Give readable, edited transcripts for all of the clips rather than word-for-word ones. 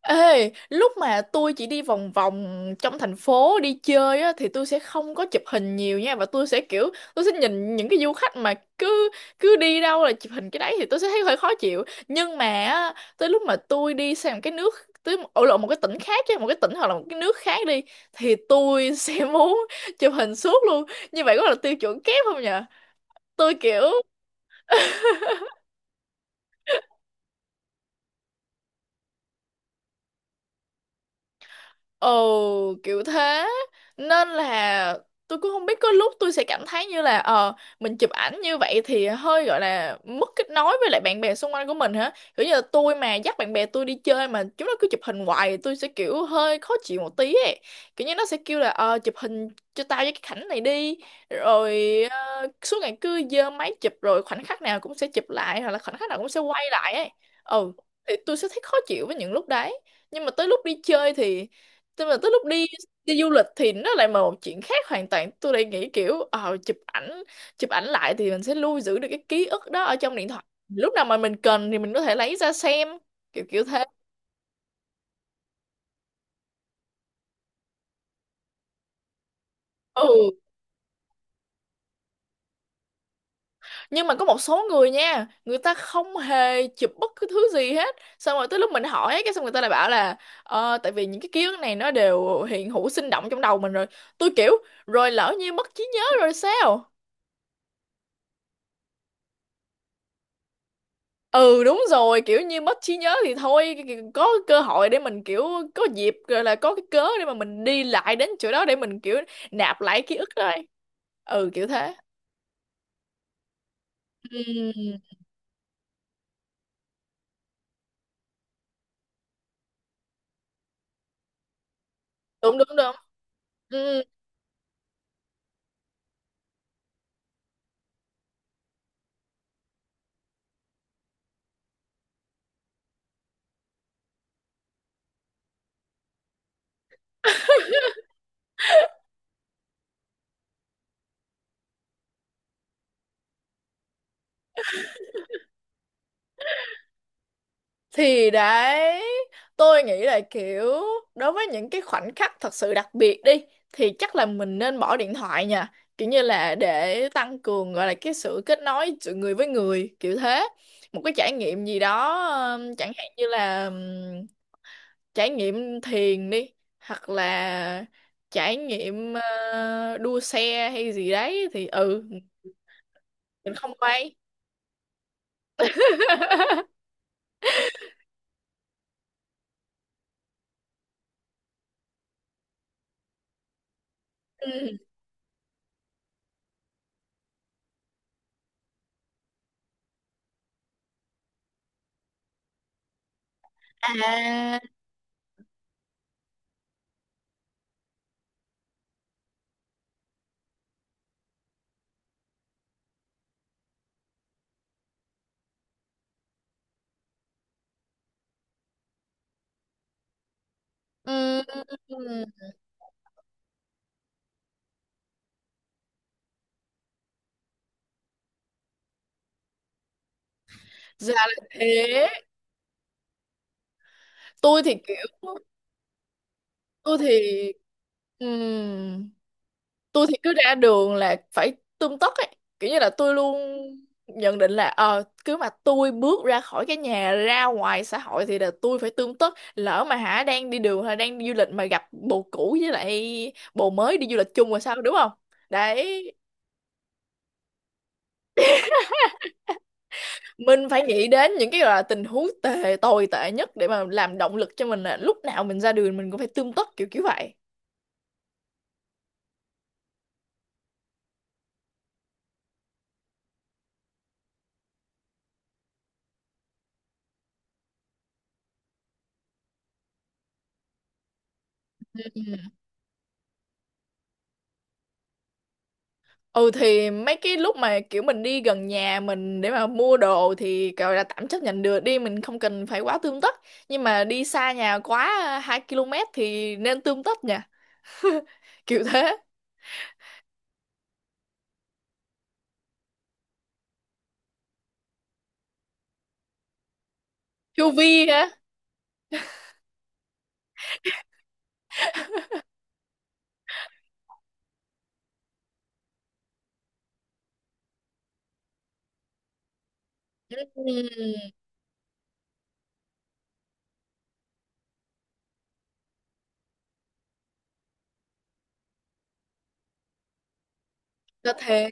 Ê, lúc mà tôi chỉ đi vòng vòng trong thành phố đi chơi á, thì tôi sẽ không có chụp hình nhiều nha và tôi sẽ kiểu tôi sẽ nhìn những cái du khách mà cứ cứ đi đâu là chụp hình cái đấy thì tôi sẽ thấy hơi khó chịu nhưng mà á, tới lúc mà tôi đi sang một cái nước tới ở lộ một cái tỉnh khác chứ một cái tỉnh hoặc là một cái nước khác đi thì tôi sẽ muốn chụp hình suốt luôn. Như vậy có là tiêu chuẩn kép không nhỉ? Tôi kiểu ồ kiểu thế. Nên là tôi cũng không biết, có lúc tôi sẽ cảm thấy như là mình chụp ảnh như vậy thì hơi gọi là mất kết nối với lại bạn bè xung quanh của mình hả? Kiểu như là tôi mà dắt bạn bè tôi đi chơi mà chúng nó cứ chụp hình hoài thì tôi sẽ kiểu hơi khó chịu một tí ấy. Kiểu như nó sẽ kêu là chụp hình cho tao với cái cảnh này đi. Rồi suốt ngày cứ giơ máy chụp, rồi khoảnh khắc nào cũng sẽ chụp lại, hoặc là khoảnh khắc nào cũng sẽ quay lại ấy. Ừ, thì tôi sẽ thấy khó chịu với những lúc đấy. Nhưng mà tới lúc đi chơi thì, tức là tới lúc đi đi du lịch thì nó lại một chuyện khác hoàn toàn. Tôi lại nghĩ kiểu chụp ảnh lại thì mình sẽ lưu giữ được cái ký ức đó ở trong điện thoại. Lúc nào mà mình cần thì mình có thể lấy ra xem, kiểu kiểu thế. Ừ, nhưng mà có một số người nha, người ta không hề chụp bất cứ thứ gì hết. Xong rồi tới lúc mình hỏi cái xong người ta lại bảo là tại vì những cái ký ức này nó đều hiện hữu sinh động trong đầu mình rồi. Tôi kiểu rồi lỡ như mất trí nhớ rồi sao? Ừ đúng rồi, kiểu như mất trí nhớ thì thôi, có cơ hội để mình kiểu có dịp rồi, là có cái cớ để mà mình đi lại đến chỗ đó để mình kiểu nạp lại ký ức thôi. Ừ kiểu thế. Ừ, đúng đúng đúng. Ừ. Thì đấy, tôi nghĩ là kiểu đối với những cái khoảnh khắc thật sự đặc biệt đi thì chắc là mình nên bỏ điện thoại nha, kiểu như là để tăng cường gọi là cái sự kết nối giữa người với người, kiểu thế. Một cái trải nghiệm gì đó, chẳng hạn như là trải nghiệm thiền đi, hoặc là trải nghiệm đua xe hay gì đấy thì ừ, mình không quay. Ừ. À. Ừ. Ừ. Là thế. Tôi thì kiểu tôi thì ừ. Tôi thì cứ ra đường là phải tươm tất ấy, kiểu như là tôi luôn nhận định là cứ mà tôi bước ra khỏi cái nhà ra ngoài xã hội thì là tôi phải tươm tất. Lỡ mà hả, đang đi đường hay đang đi du lịch mà gặp bồ cũ với lại bồ mới đi du lịch chung rồi sao, đúng không? Đấy, mình phải nghĩ đến những cái gọi là tình huống tệ, tồi tệ nhất để mà làm động lực cho mình là lúc nào mình ra đường mình cũng phải tươm tất, kiểu kiểu vậy. Ừ. Ừ thì mấy cái lúc mà kiểu mình đi gần nhà mình để mà mua đồ thì gọi là tạm chấp nhận được đi, mình không cần phải quá tươm tất, nhưng mà đi xa nhà quá 2 km thì nên tươm tất nha. Kiểu thế. Chu vi á. Ừ, là thế.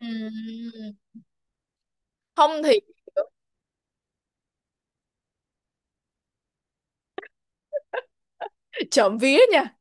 Ừ. Không thì trộm vía nha.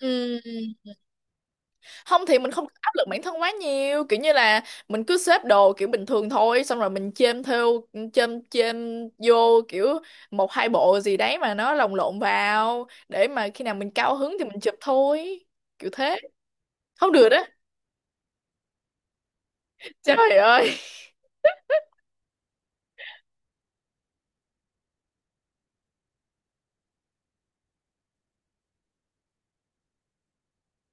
Ừ. Không thì mình không có áp lực bản thân quá nhiều, kiểu như là mình cứ xếp đồ kiểu bình thường thôi, xong rồi mình chêm theo, chêm chêm vô kiểu một hai bộ gì đấy mà nó lồng lộn vào để mà khi nào mình cao hứng thì mình chụp thôi, kiểu thế. Không được á. Trời ơi.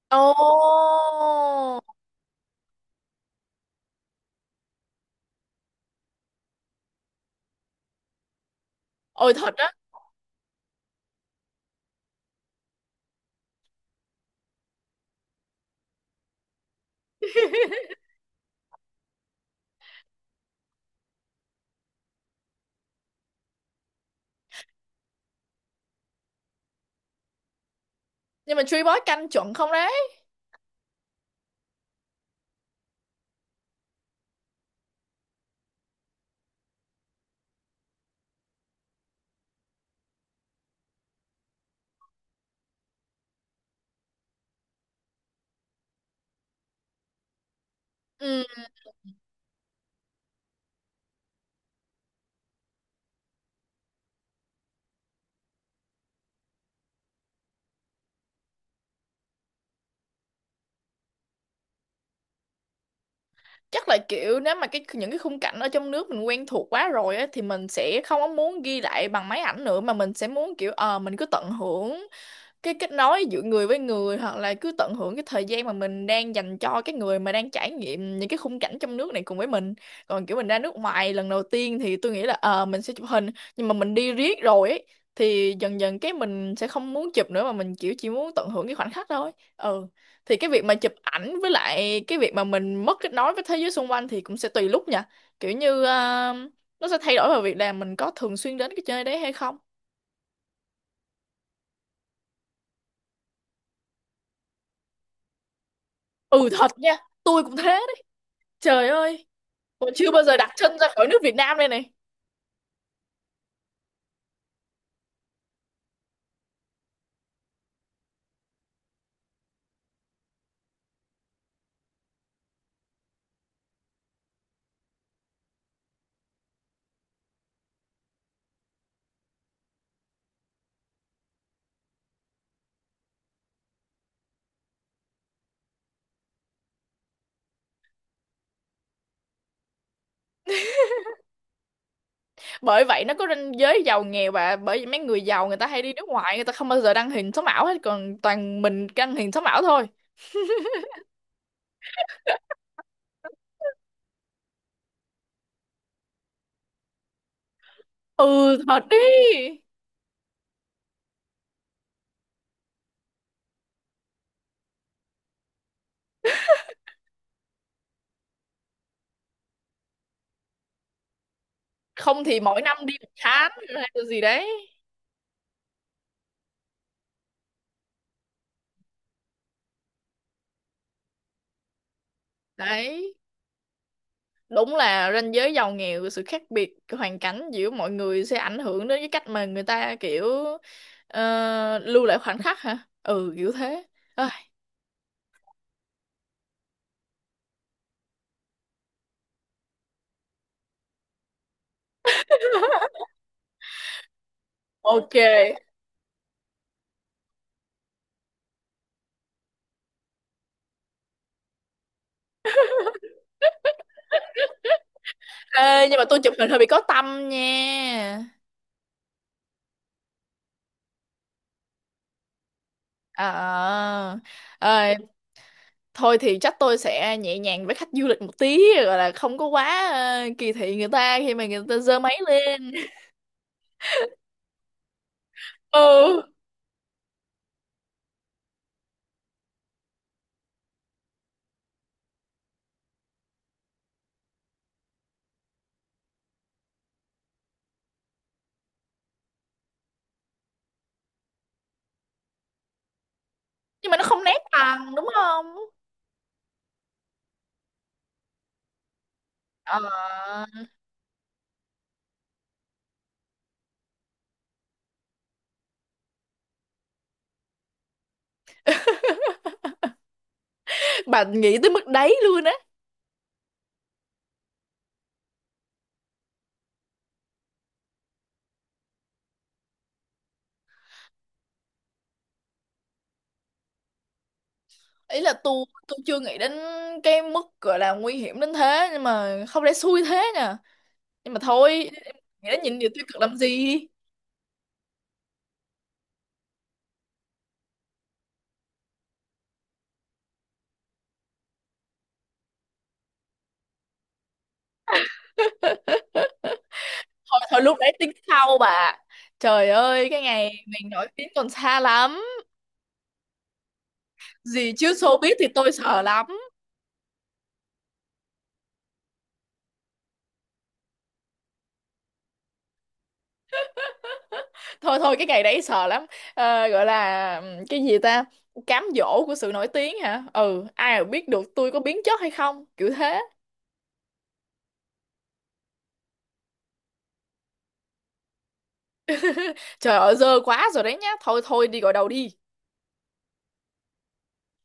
Ồ. Ôi thật á. Nhưng mà Tree Boy canh chuẩn không đấy? Ừ, chắc là kiểu nếu mà cái những cái khung cảnh ở trong nước mình quen thuộc quá rồi á thì mình sẽ không có muốn ghi lại bằng máy ảnh nữa, mà mình sẽ muốn kiểu mình cứ tận hưởng cái kết nối giữa người với người, hoặc là cứ tận hưởng cái thời gian mà mình đang dành cho cái người mà đang trải nghiệm những cái khung cảnh trong nước này cùng với mình. Còn kiểu mình ra nước ngoài lần đầu tiên thì tôi nghĩ là mình sẽ chụp hình, nhưng mà mình đi riết rồi ấy thì dần dần cái mình sẽ không muốn chụp nữa, mà mình kiểu chỉ muốn tận hưởng cái khoảnh khắc thôi. Ừ, thì cái việc mà chụp ảnh với lại cái việc mà mình mất kết nối với thế giới xung quanh thì cũng sẽ tùy lúc nha, kiểu như nó sẽ thay đổi vào việc là mình có thường xuyên đến cái chơi đấy hay không. Ừ thật nha, tôi cũng thế đấy. Trời ơi. Tôi chưa bao giờ đặt chân ra khỏi nước Việt Nam đây này. Bởi vậy nó có ranh giới giàu nghèo, và bởi vì mấy người giàu người ta hay đi nước ngoài, người ta không bao giờ đăng hình sống ảo hết, còn toàn mình đăng hình sống ảo thôi. Ừ, thật đi. Không thì mỗi năm đi một tháng hay là gì đấy. Đấy, đúng là ranh giới giàu nghèo, sự khác biệt hoàn cảnh giữa mọi người sẽ ảnh hưởng đến cái cách mà người ta kiểu lưu lại khoảnh khắc hả? Ừ, kiểu thế. Ôi, ok. Ê, nhưng mà tôi chụp hình hơi bị có tâm nha. À, ờ, thôi thì chắc tôi sẽ nhẹ nhàng với khách du lịch một tí, gọi là không có quá kỳ thị người ta khi mà người ta giơ máy lên. Ừ. Nhưng mà nó không nét bằng đúng không? Ờ, bạn nghĩ tới mức đấy luôn á? Ý là tôi chưa nghĩ đến cái mức gọi là nguy hiểm đến thế, nhưng mà không lẽ xui thế nè. Nhưng mà thôi, nghĩ đến nhìn điều tiêu cực làm gì. Thôi thôi, lúc đấy tính sau bà. Trời ơi, cái ngày mình nổi tiếng còn xa lắm. Gì chứ showbiz thì tôi sợ lắm. Thôi thôi, cái ngày đấy sợ lắm. Ờ, gọi là cái gì ta, cám dỗ của sự nổi tiếng hả? Ừ ai mà biết được, tôi có biến chất hay không, kiểu thế. Trời ơi dơ quá rồi đấy nhá, thôi thôi đi gọi đầu đi.